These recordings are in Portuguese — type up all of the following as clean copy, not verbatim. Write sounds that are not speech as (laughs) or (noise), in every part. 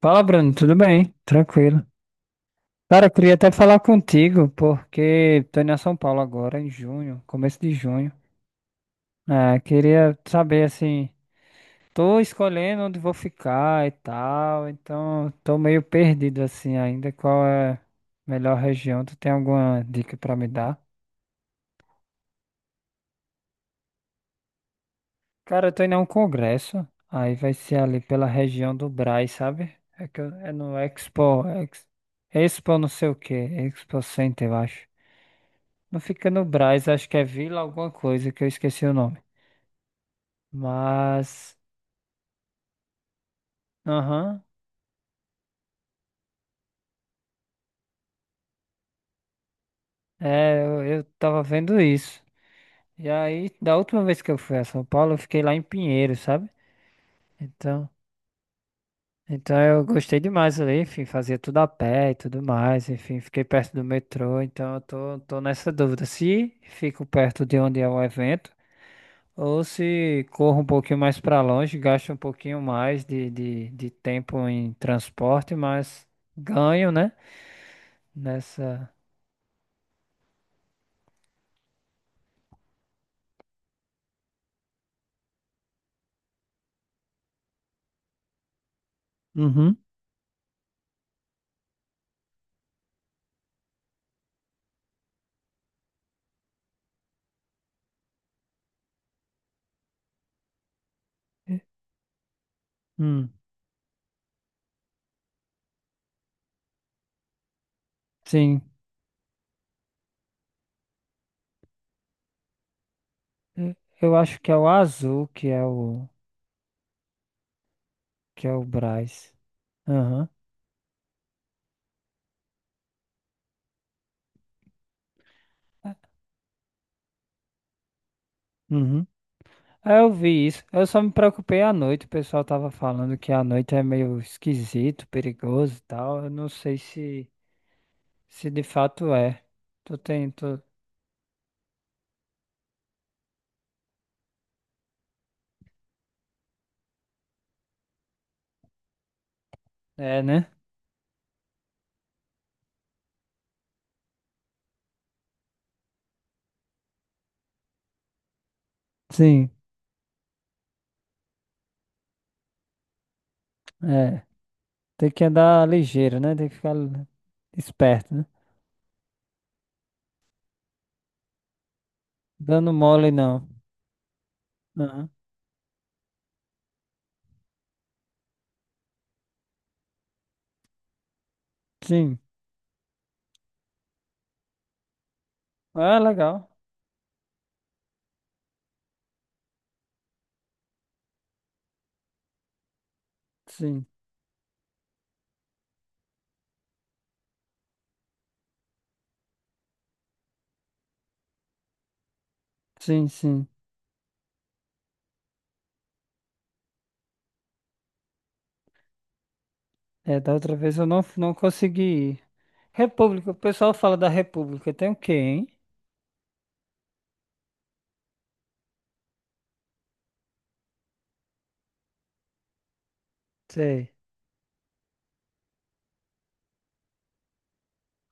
Fala, Bruno, tudo bem? Tranquilo. Cara, eu queria até falar contigo, porque tô indo a São Paulo agora, em junho, começo de junho. É, queria saber, assim, tô escolhendo onde vou ficar e tal, então tô meio perdido, assim, ainda. Qual é a melhor região? Tu tem alguma dica pra me dar? Cara, eu tô indo a um congresso, aí vai ser ali pela região do Brás, sabe? É, é no Expo, Expo não sei o quê, Expo Center, eu acho. Não fica no Brás, acho que é Vila alguma coisa, que eu esqueci o nome. Mas, aham, é, eu tava vendo isso. E aí, da última vez que eu fui a São Paulo, eu fiquei lá em Pinheiros, sabe? Então, então eu gostei demais ali, enfim, fazia tudo a pé e tudo mais, enfim, fiquei perto do metrô, então eu tô, tô nessa dúvida, se fico perto de onde é o evento, ou se corro um pouquinho mais pra longe, gasto um pouquinho mais de tempo em transporte, mas ganho, né? Nessa. Uhum. eh, Hum. Sim. eh, Eu acho que é o azul que é o Brás. Aham. Uhum. Ah, eu vi isso. Eu só me preocupei à noite. O pessoal tava falando que à noite é meio esquisito, perigoso e tal. Eu não sei se de fato é. Tu tem, tu... É, né? Sim. É. Tem que andar ligeiro, né? Tem que ficar esperto, né? Dando mole não. Aham. Sim. Ah, legal. Sim. Sim, sim. É, da outra vez eu não, não consegui ir. República, o pessoal fala da República. Tem o quê, hein? Sei.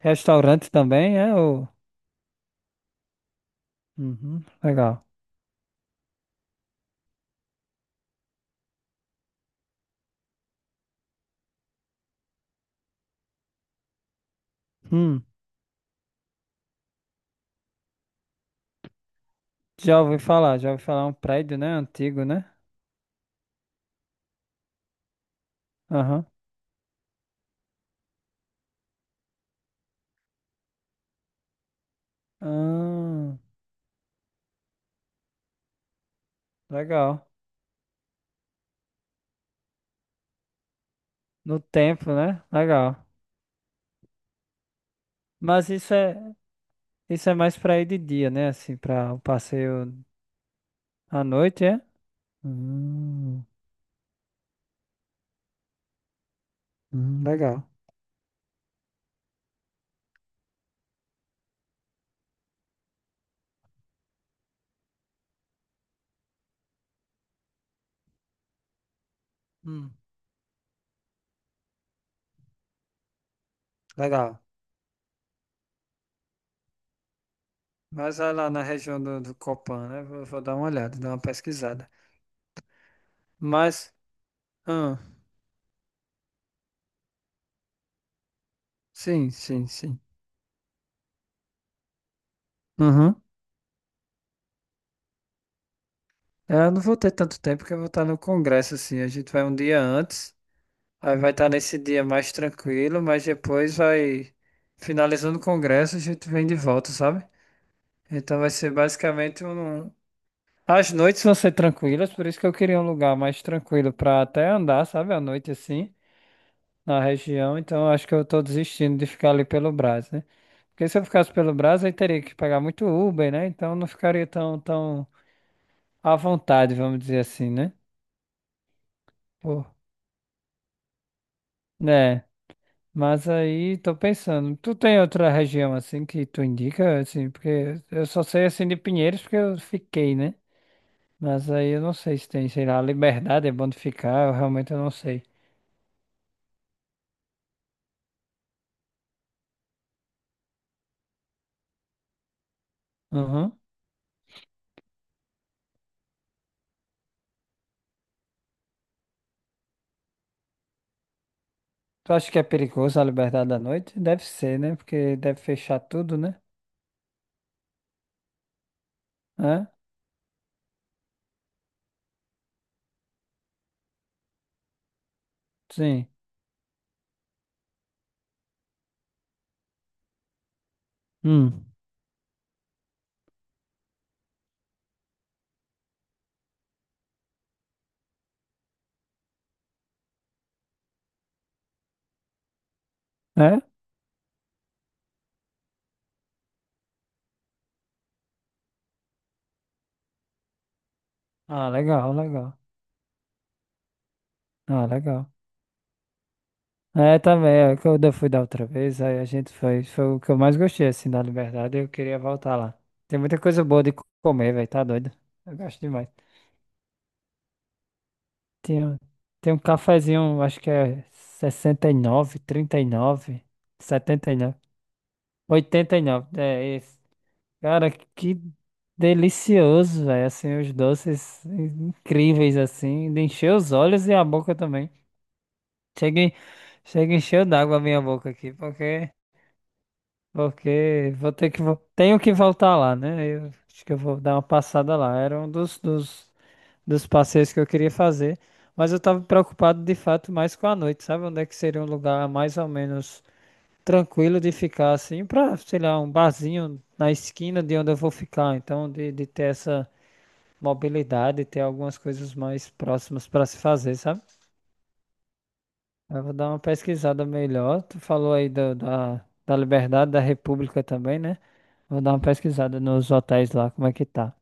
Restaurante também, é? Ou... Uhum, legal. Hum, já ouvi falar, já ouvi falar. É um prédio, né? Antigo, né? Aham. Ah, legal. No tempo, né? Legal. Mas isso é mais pra ir de dia, né? Assim, pra o passeio à noite, é? Hum, legal. Hum, legal. Mas vai lá na região do Copan, né? Vou, vou dar uma olhada, dar uma pesquisada. Mas, ah, sim, sim, sim. Uhum. É, eu não vou ter tanto tempo que eu vou estar no congresso, assim. A gente vai um dia antes, aí vai estar nesse dia mais tranquilo, mas depois vai, finalizando o congresso, a gente vem de volta, sabe? Então vai ser basicamente um... As noites vão ser tranquilas, por isso que eu queria um lugar mais tranquilo para até andar, sabe? À noite, assim. Na região, então acho que eu tô desistindo de ficar ali pelo Brás, né? Porque se eu ficasse pelo Brás, aí teria que pagar muito Uber, né? Então não ficaria tão, tão à vontade, vamos dizer assim, né? Pô, né? Mas aí tô pensando, tu tem outra região assim que tu indica, assim, porque eu só sei assim de Pinheiros porque eu fiquei, né? Mas aí eu não sei se tem, sei lá, a Liberdade é bom de ficar, eu realmente eu não sei. Uhum. Tu acha que é perigoso a Liberdade à noite? Deve ser, né? Porque deve fechar tudo, né? Sim. Hum. É? Ah, legal, legal. Ah, legal. É, também, é que fui da outra vez, aí a gente foi, foi o que eu mais gostei, assim, da Liberdade, eu queria voltar lá. Tem muita coisa boa de comer, velho, tá doido? Eu gosto demais. Tem, tem um cafezinho, acho que é sessenta e nove nove 30 79 89 é esse. Cara, que delicioso, velho, assim, os doces incríveis, assim, de encher os olhos e a boca também. Chega, chega encheu d'água a minha boca aqui, porque, porque vou ter que, tenho que voltar lá, né? Eu acho que eu vou dar uma passada lá. Era um dos passeios que eu queria fazer, mas eu tava preocupado de fato mais com a noite, sabe? Onde é que seria um lugar mais ou menos tranquilo de ficar assim, pra, sei lá, um barzinho na esquina de onde eu vou ficar. Então, de ter essa mobilidade, ter algumas coisas mais próximas pra se fazer, sabe? Eu vou dar uma pesquisada melhor. Tu falou aí da Liberdade, da República também, né? Vou dar uma pesquisada nos hotéis lá, como é que tá.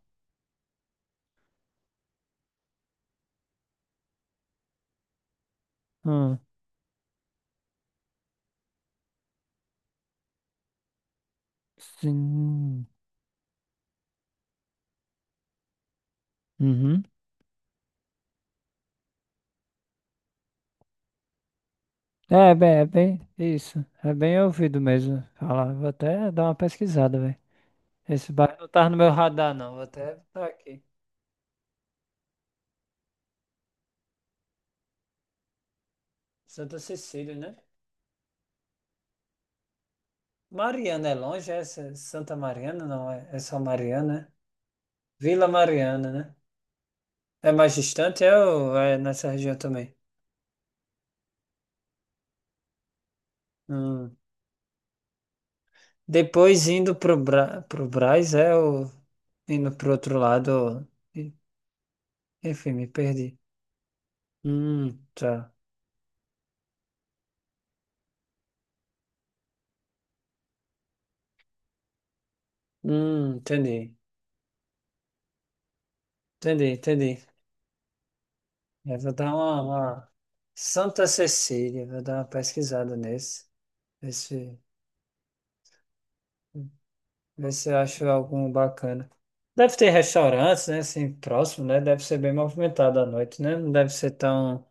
Hum, sim. Uhum. É, é bem, isso. É bem ouvido mesmo falar. Vou até dar uma pesquisada, velho. Esse bairro não tá no meu radar, não. Vou até botar aqui. Santa Cecília, né? Mariana é longe, é Santa Mariana, não é? É só Mariana, né? Vila Mariana, né? É mais distante, é, ou é nessa região também? Hum. Depois indo pro, Bra pro Brás, é o. Indo pro outro lado. e- Enfim, me perdi. Tá. Entendi. Entendi, entendi. Eu vou dar Santa Cecília, vou dar uma pesquisada nesse. Ver se, ver se eu acho algum bacana. Deve ter restaurantes, né? Assim, próximo, né? Deve ser bem movimentado à noite, né? Não deve ser tão,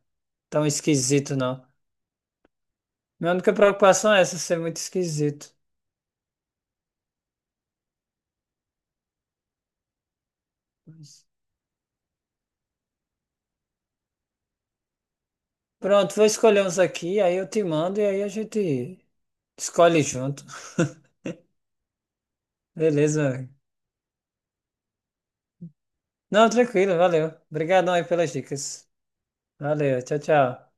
tão esquisito, não. Minha única preocupação é essa, ser muito esquisito. Pronto, vou escolher uns aqui, aí eu te mando e aí a gente escolhe junto. (laughs) Beleza, meu amigo. Não, tranquilo, valeu. Obrigadão aí pelas dicas. Valeu, tchau, tchau.